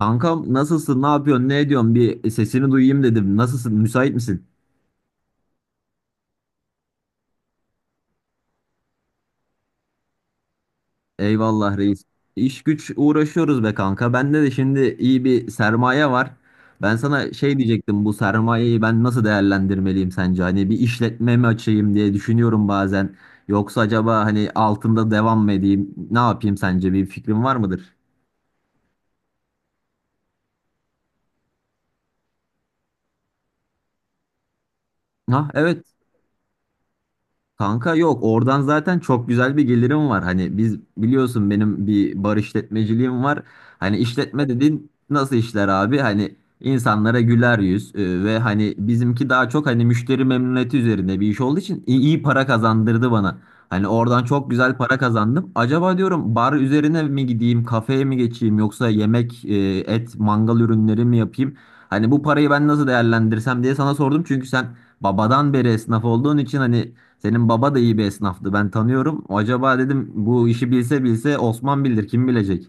Kankam nasılsın? Ne yapıyorsun? Ne ediyorsun? Bir sesini duyayım dedim. Nasılsın? Müsait misin? Eyvallah reis. İş güç uğraşıyoruz be kanka. Bende de şimdi iyi bir sermaye var. Ben sana şey diyecektim. Bu sermayeyi ben nasıl değerlendirmeliyim sence? Hani bir işletme mi açayım diye düşünüyorum bazen. Yoksa acaba hani altında devam mı edeyim? Ne yapayım sence? Bir fikrin var mıdır? Ha, evet. Kanka yok, oradan zaten çok güzel bir gelirim var. Hani biz biliyorsun benim bir bar işletmeciliğim var. Hani işletme dediğin nasıl işler abi? Hani insanlara güler yüz ve hani bizimki daha çok hani müşteri memnuniyeti üzerine bir iş olduğu için iyi, iyi para kazandırdı bana. Hani oradan çok güzel para kazandım. Acaba diyorum bar üzerine mi gideyim, kafeye mi geçeyim yoksa yemek, et, mangal ürünleri mi yapayım? Hani bu parayı ben nasıl değerlendirsem diye sana sordum. Çünkü sen babadan beri esnaf olduğun için hani senin baba da iyi bir esnaftı. Ben tanıyorum. Acaba dedim bu işi bilse bilse Osman bilir. Kim bilecek?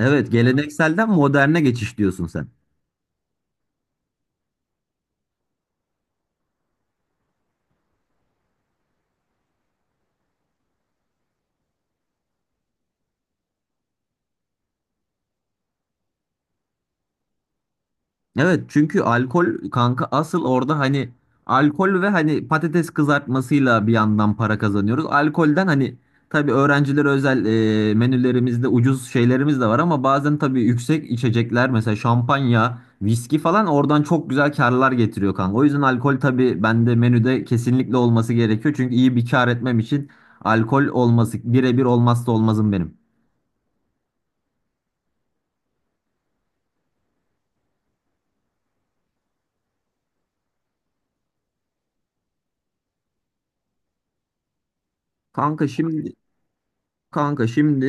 Evet, gelenekselden moderne geçiş diyorsun sen. Evet, çünkü alkol kanka asıl orada hani alkol ve hani patates kızartmasıyla bir yandan para kazanıyoruz. Alkolden hani tabii öğrencilere özel menülerimizde ucuz şeylerimiz de var ama bazen tabii yüksek içecekler mesela şampanya, viski falan oradan çok güzel karlar getiriyor kanka. O yüzden alkol tabii bende menüde kesinlikle olması gerekiyor. Çünkü iyi bir kar etmem için alkol olması birebir olmazsa olmazım benim. Kanka şimdi Kanka şimdi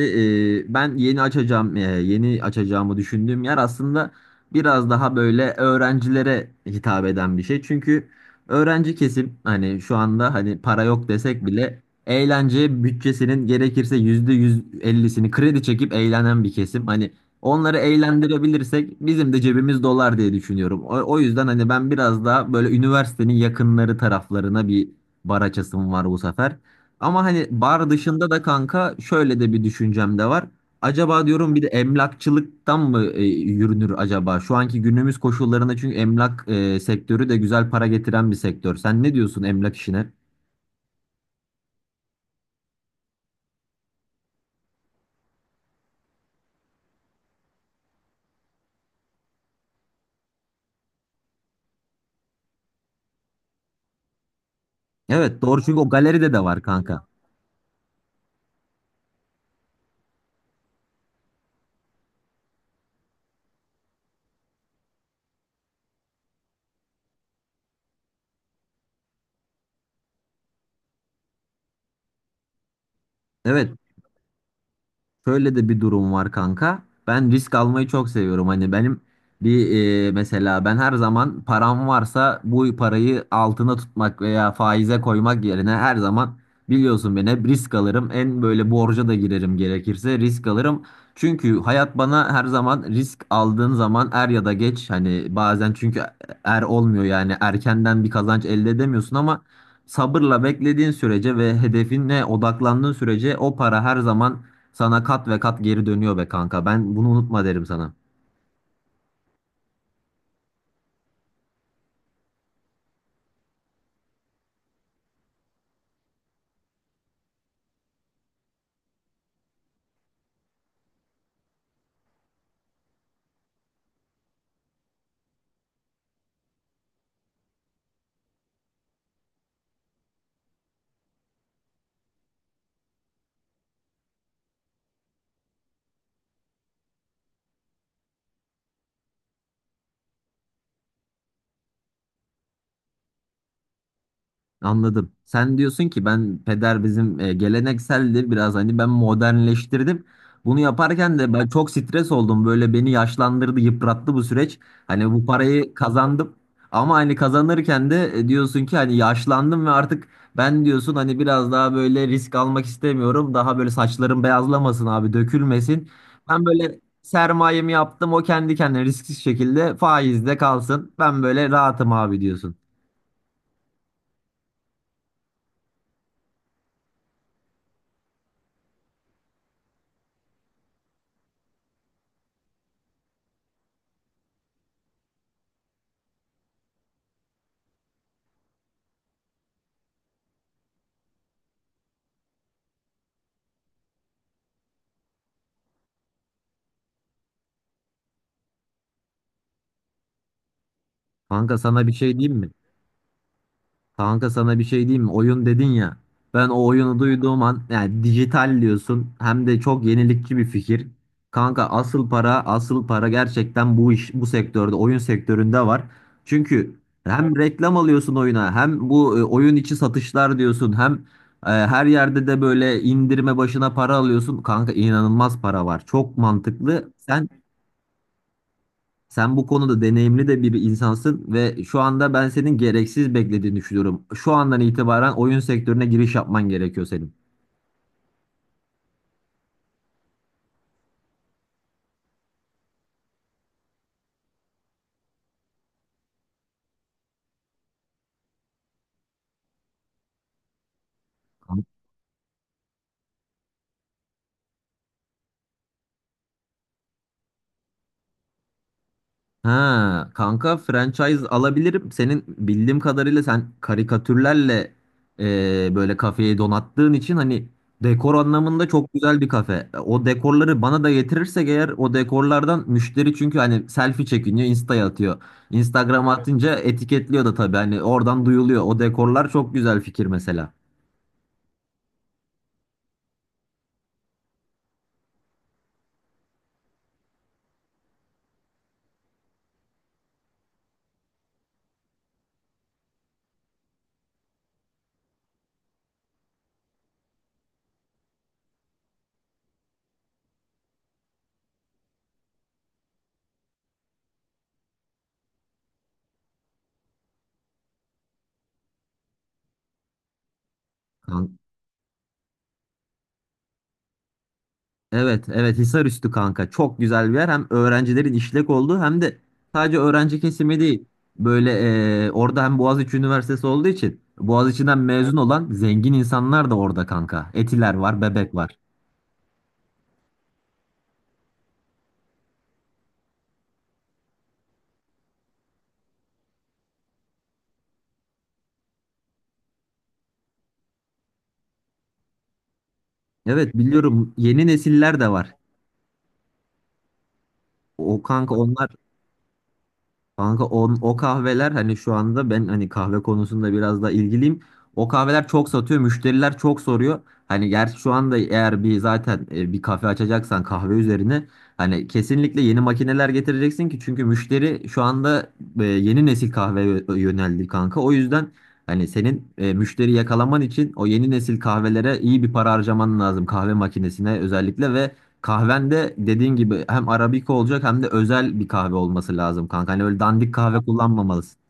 ben yeni açacağımı düşündüğüm yer aslında biraz daha böyle öğrencilere hitap eden bir şey. Çünkü öğrenci kesim hani şu anda hani para yok desek bile eğlence bütçesinin gerekirse %150'sini kredi çekip eğlenen bir kesim. Hani onları eğlendirebilirsek bizim de cebimiz dolar diye düşünüyorum. O yüzden hani ben biraz daha böyle üniversitenin yakınları taraflarına bir bar açasım var bu sefer. Ama hani bar dışında da kanka şöyle de bir düşüncem de var. Acaba diyorum bir de emlakçılıktan mı yürünür acaba? Şu anki günümüz koşullarında çünkü emlak sektörü de güzel para getiren bir sektör. Sen ne diyorsun emlak işine? Evet, doğru çünkü o galeride de var kanka. Evet. Şöyle de bir durum var kanka. Ben risk almayı çok seviyorum. Hani benim bir mesela ben her zaman param varsa bu parayı altına tutmak veya faize koymak yerine her zaman biliyorsun beni, hep risk alırım. En böyle borca da girerim, gerekirse risk alırım. Çünkü hayat bana her zaman risk aldığın zaman er ya da geç hani bazen çünkü er olmuyor yani erkenden bir kazanç elde edemiyorsun ama sabırla beklediğin sürece ve hedefine odaklandığın sürece o para her zaman sana kat ve kat geri dönüyor be kanka. Ben bunu unutma derim sana. Anladım. Sen diyorsun ki ben peder bizim gelenekseldi biraz hani ben modernleştirdim. Bunu yaparken de ben çok stres oldum. Böyle beni yaşlandırdı, yıprattı bu süreç. Hani bu parayı kazandım ama hani kazanırken de diyorsun ki hani yaşlandım ve artık ben diyorsun hani biraz daha böyle risk almak istemiyorum. Daha böyle saçlarım beyazlamasın abi, dökülmesin. Ben böyle sermayemi yaptım. O kendi kendine risksiz şekilde faizde kalsın. Ben böyle rahatım abi diyorsun. Kanka sana bir şey diyeyim mi? Kanka sana bir şey diyeyim mi? Oyun dedin ya. Ben o oyunu duyduğum an yani dijital diyorsun, hem de çok yenilikçi bir fikir. Kanka asıl para gerçekten bu iş bu sektörde, oyun sektöründe var. Çünkü hem reklam alıyorsun oyuna, hem bu oyun içi satışlar diyorsun, hem her yerde de böyle indirme başına para alıyorsun. Kanka inanılmaz para var. Çok mantıklı. Sen bu konuda deneyimli de bir insansın ve şu anda ben senin gereksiz beklediğini düşünüyorum. Şu andan itibaren oyun sektörüne giriş yapman gerekiyor senin. Ha, kanka franchise alabilirim. Senin bildiğim kadarıyla sen karikatürlerle böyle kafeyi donattığın için hani dekor anlamında çok güzel bir kafe. O dekorları bana da getirirsek eğer, o dekorlardan müşteri, çünkü hani selfie çekiniyor, Insta'ya atıyor. Instagram'a atınca etiketliyor da tabii, hani oradan duyuluyor. O dekorlar çok güzel fikir mesela. Kan- Evet, evet, Hisarüstü kanka. Çok güzel bir yer. Hem öğrencilerin işlek olduğu hem de sadece öğrenci kesimi değil. Böyle orada hem Boğaziçi Üniversitesi olduğu için Boğaziçi'den, evet, mezun olan zengin insanlar da orada kanka. Etiler var, Bebek var. Evet, biliyorum, yeni nesiller de var. O kanka onlar Kanka on, o kahveler hani şu anda ben hani kahve konusunda biraz daha ilgiliyim. O kahveler çok satıyor, müşteriler çok soruyor. Hani gerçi şu anda eğer bir zaten bir kafe açacaksan kahve üzerine hani kesinlikle yeni makineler getireceksin ki, çünkü müşteri şu anda yeni nesil kahveye yöneldi kanka. O yüzden hani senin müşteri yakalaman için o yeni nesil kahvelere iyi bir para harcaman lazım, kahve makinesine özellikle. Ve kahvende dediğin gibi hem Arabica olacak hem de özel bir kahve olması lazım kanka. Hani öyle dandik kahve kullanmamalısın.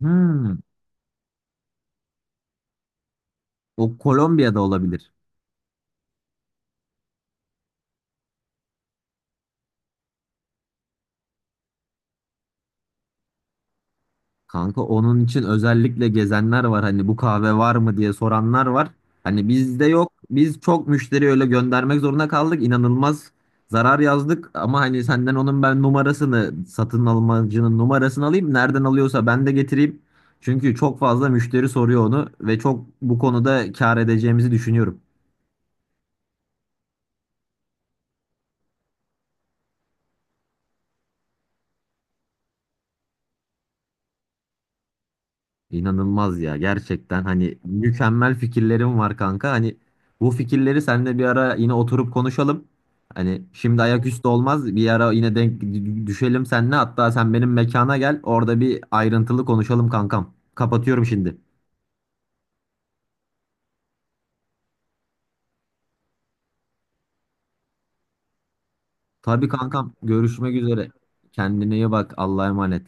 Hmm, o Kolombiya'da olabilir. Kanka onun için özellikle gezenler var. Hani bu kahve var mı diye soranlar var. Hani bizde yok. Biz çok müşteri öyle göndermek zorunda kaldık. İnanılmaz zarar yazdık. Ama hani senden onun ben numarasını, satın almacının numarasını alayım. Nereden alıyorsa ben de getireyim. Çünkü çok fazla müşteri soruyor onu ve çok bu konuda kâr edeceğimizi düşünüyorum. İnanılmaz ya, gerçekten hani mükemmel fikirlerim var kanka. Hani bu fikirleri seninle bir ara yine oturup konuşalım. Hani şimdi ayaküstü olmaz, bir ara yine denk düşelim seninle. Hatta sen benim mekana gel, orada bir ayrıntılı konuşalım kankam. Kapatıyorum şimdi. Tabii kankam, görüşmek üzere. Kendine iyi bak, Allah'a emanet.